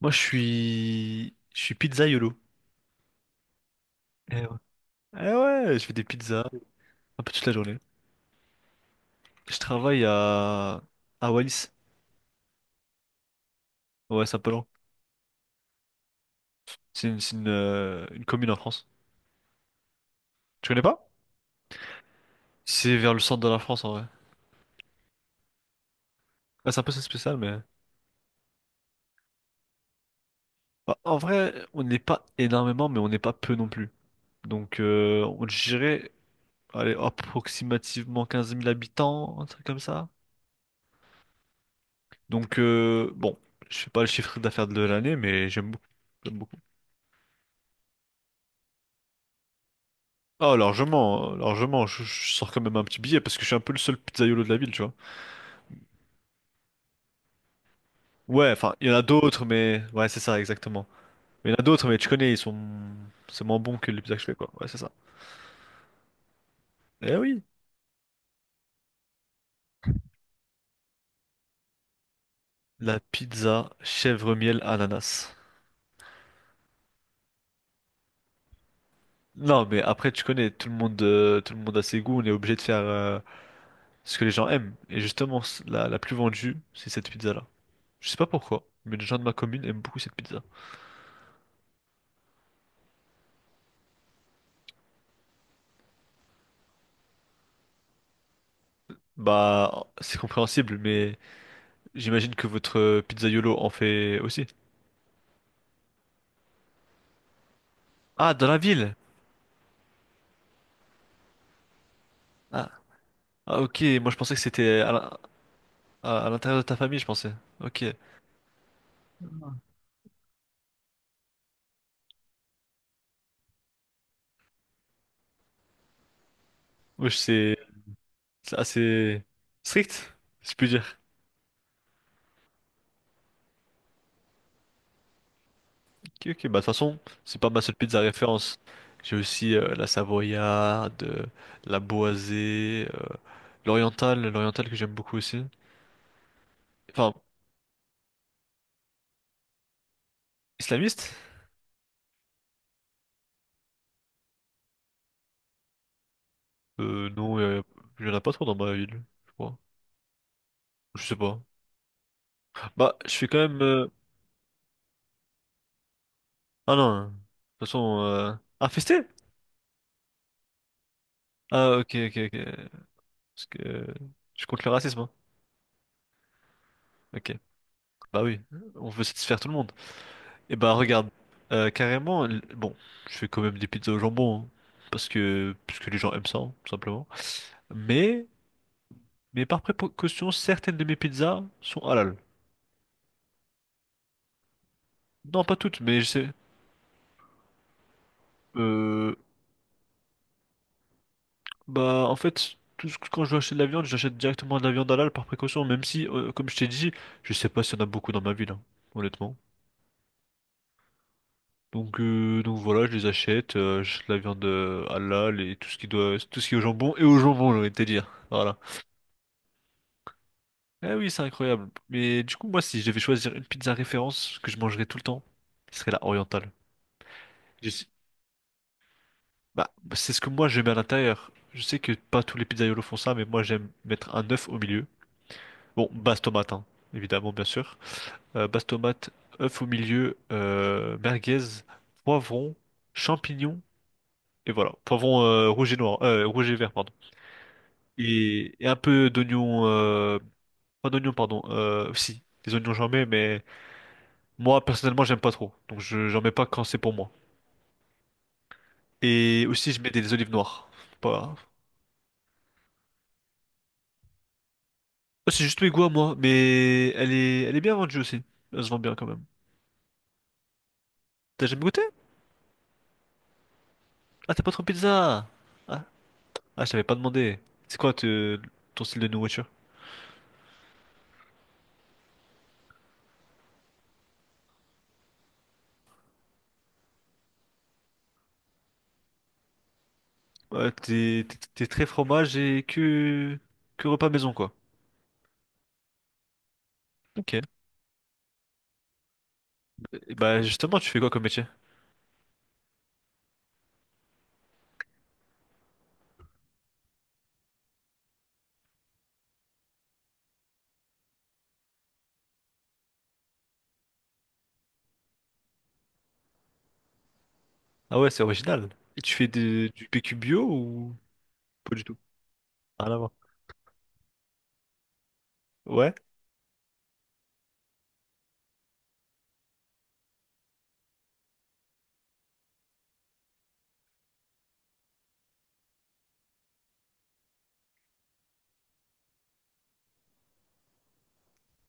Moi, je suis pizzaïolo. Eh ouais. Eh ouais, je fais des pizzas un peu toute la journée. Je travaille à Wallis. Ouais, Saint-Palan. C'est une commune en France. Tu connais pas? C'est vers le centre de la France en vrai. Ouais, c'est un peu spécial, mais. Bah, en vrai, on n'est pas énormément, mais on n'est pas peu non plus. Donc, on dirait, allez, approximativement 15 000 habitants, un truc comme ça. Donc, bon, je sais pas le chiffre d'affaires de l'année, mais j'aime beaucoup. J'aime beaucoup. Oh, largement, largement. Je sors quand même un petit billet parce que je suis un peu le seul pizzaïolo de la ville, tu vois. Ouais, enfin, il y en a d'autres, mais. Ouais, c'est ça, exactement. Il y en a d'autres, mais tu connais, ils sont. C'est moins bon que les pizzas que je fais, quoi. Ouais, c'est ça. Eh oui. La pizza chèvre miel ananas. Non, mais après, tu connais, tout le monde a ses goûts, on est obligé de faire ce que les gens aiment. Et justement, la plus vendue, c'est cette pizza-là. Je sais pas pourquoi, mais les gens de ma commune aiment beaucoup cette pizza. Bah, c'est compréhensible, mais. J'imagine que votre pizzaiolo en fait aussi. Ah, dans la ville! Ah, ah, ok, moi je pensais que c'était à l'intérieur de ta famille, je pensais. Ok. Wesh, c'est assez strict, si je puis dire. Ok, ok, bah de toute façon, c'est pas ma seule pizza référence. J'ai aussi la savoyarde, la boisée, l'orientale que j'aime beaucoup aussi. Enfin, islamiste? Non, il y en a pas trop dans ma ville, je crois. Je sais pas. Bah, je suis quand même. Ah non, hein. De toute façon. Ah, ah, ok, ok, ok. Parce que je suis contre le racisme, hein. Ok, bah oui, on veut satisfaire tout le monde. Et bah regarde, carrément, bon, je fais quand même des pizzas au jambon, hein, parce que les gens aiment ça, hein, tout simplement. Mais, mais par précaution, certaines de mes pizzas sont halal. Non, pas toutes, mais je sais. Euh, bah en fait, quand je veux acheter de la viande, j'achète directement de la viande halal par précaution, même si, comme je t'ai dit, je sais pas s'il y en a beaucoup dans ma ville, hein, honnêtement. Donc, voilà, j'achète la viande halal et tout ce qui est au jambon et au jambon, j'ai envie de te dire. Voilà. Ah oui, c'est incroyable. Mais du coup, moi, si je devais choisir une pizza référence que je mangerais tout le temps, ce serait la orientale. Je sais- Bah, c'est ce que moi je mets à l'intérieur. Je sais que pas tous les pizzaiolos font ça, mais moi j'aime mettre un œuf au milieu. Bon, base tomate, hein, évidemment, bien sûr. Base tomate, œuf au milieu, merguez, poivron, champignons et voilà. Poivron rouge et noir, rouge et vert, pardon. Et un peu d'oignons, pas d'oignons, pardon, si, des oignons j'en mets, mais moi personnellement j'aime pas trop, donc j'en mets pas quand c'est pour moi. Et aussi je mets des olives noires, pas. Oh, c'est juste mes goûts à moi, mais elle est bien vendue aussi, elle se vend bien quand même. T'as jamais goûté? Ah t'es pas trop pizza! Ah, ah, je t'avais pas demandé, c'est quoi ton style de nourriture? Ouais, t'es très fromage et que repas maison quoi. Ok. Et bah justement tu fais quoi comme métier? Ah ouais, c'est original. Et tu fais du PQ bio ou pas du tout? Rien à voir. Ouais.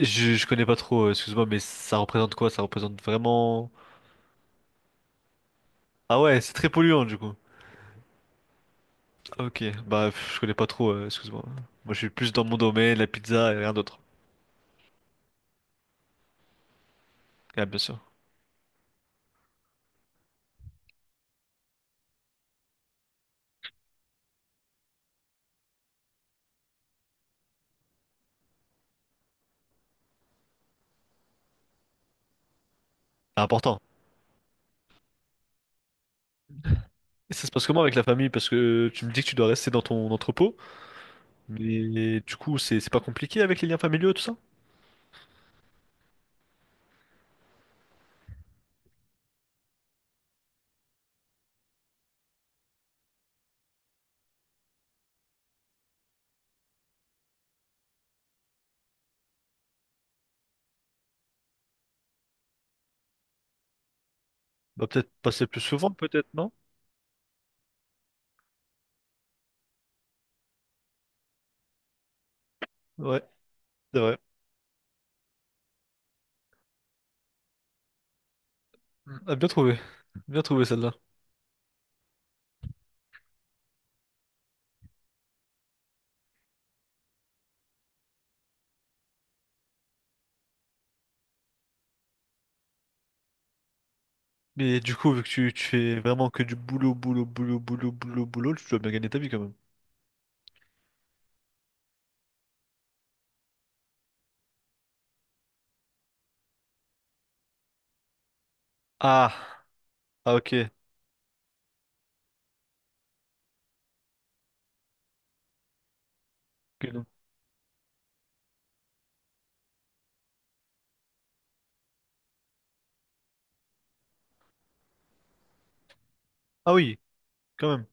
Je connais pas trop, excuse-moi, mais ça représente quoi? Ça représente vraiment. Ah ouais, c'est très polluant du coup. Ah, ok, bah pff, je connais pas trop, excuse-moi. Moi je suis plus dans mon domaine, la pizza et rien d'autre. Ah bien sûr. C'est important. Et ça se passe comment avec la famille? Parce que tu me dis que tu dois rester dans ton entrepôt, mais du coup c'est pas compliqué avec les liens familiaux tout ça? Bah peut-être passer plus souvent, peut-être, non? Ouais, c'est vrai. Mm. Ah, bien trouvé. Bien trouvé celle-là. Mais du coup, vu que tu fais vraiment que du boulot, boulot, boulot, boulot, boulot, boulot, tu dois bien gagner ta vie quand même. Ah, ah ok. Ok. Ah oui, quand même.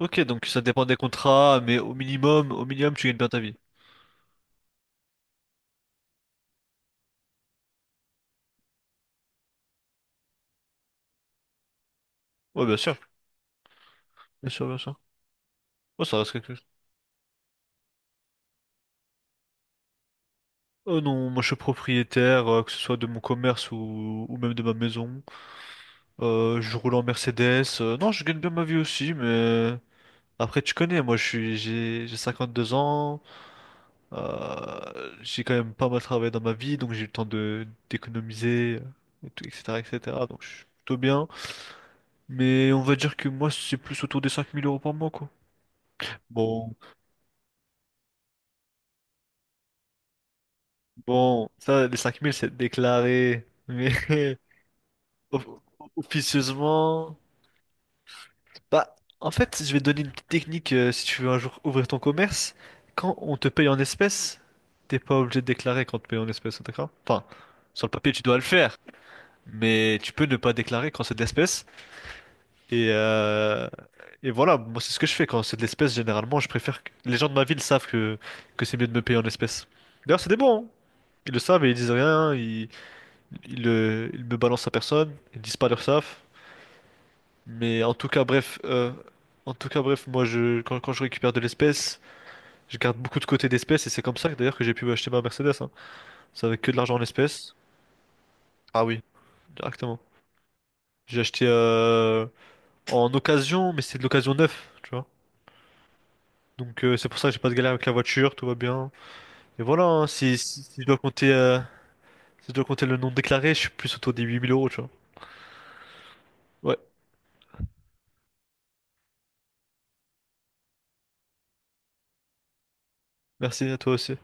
Ok, donc ça dépend des contrats, mais au minimum, tu gagnes bien ta vie. Ouais, bien sûr, bien sûr, bien sûr. Ouais, ça reste quelque chose. Oh non, moi je suis propriétaire, que ce soit de mon commerce ou même de ma maison. Je roule en Mercedes. Non, je gagne bien ma vie aussi, mais. Après, tu connais, moi, j'ai 52 ans. J'ai quand même pas mal travaillé dans ma vie, donc j'ai eu le temps de d'économiser, et tout, etc., etc. Donc, je suis plutôt bien. Mais on va dire que moi, c'est plus autour des 5 000 euros par mois, quoi. Bon, bon, ça, les 5 000 c'est déclaré. Mais of- officieusement. Bah, en fait, je vais te donner une petite technique, si tu veux un jour ouvrir ton commerce. Quand on te paye en espèces, t'es pas obligé de déclarer quand on te paye en espèces, d'accord? Enfin, sur le papier, tu dois le faire, mais tu peux ne pas déclarer quand c'est de l'espèce. Et, euh, et, voilà, moi, c'est ce que je fais quand c'est de l'espèce. Généralement, je préfère que les gens de ma ville savent que, c'est mieux de me payer en espèces. D'ailleurs, c'est des bons, hein. Ils le savent et ils disent rien, ils me balancent à personne, ils disent pas leur savent. Mais en tout cas, bref, moi, quand je récupère de l'espèce, je garde beaucoup de côté d'espèces et c'est comme ça que d'ailleurs que j'ai pu acheter ma Mercedes. Hein. C'est avec que de l'argent en espèces. Ah oui, directement. J'ai acheté en occasion, mais c'est de l'occasion neuf, tu vois. Donc c'est pour ça que j'ai pas de galère avec la voiture, tout va bien. Et voilà, hein, si je dois compter le non déclaré, je suis plus autour des 8 000 euros, tu vois. Ouais, merci à toi aussi.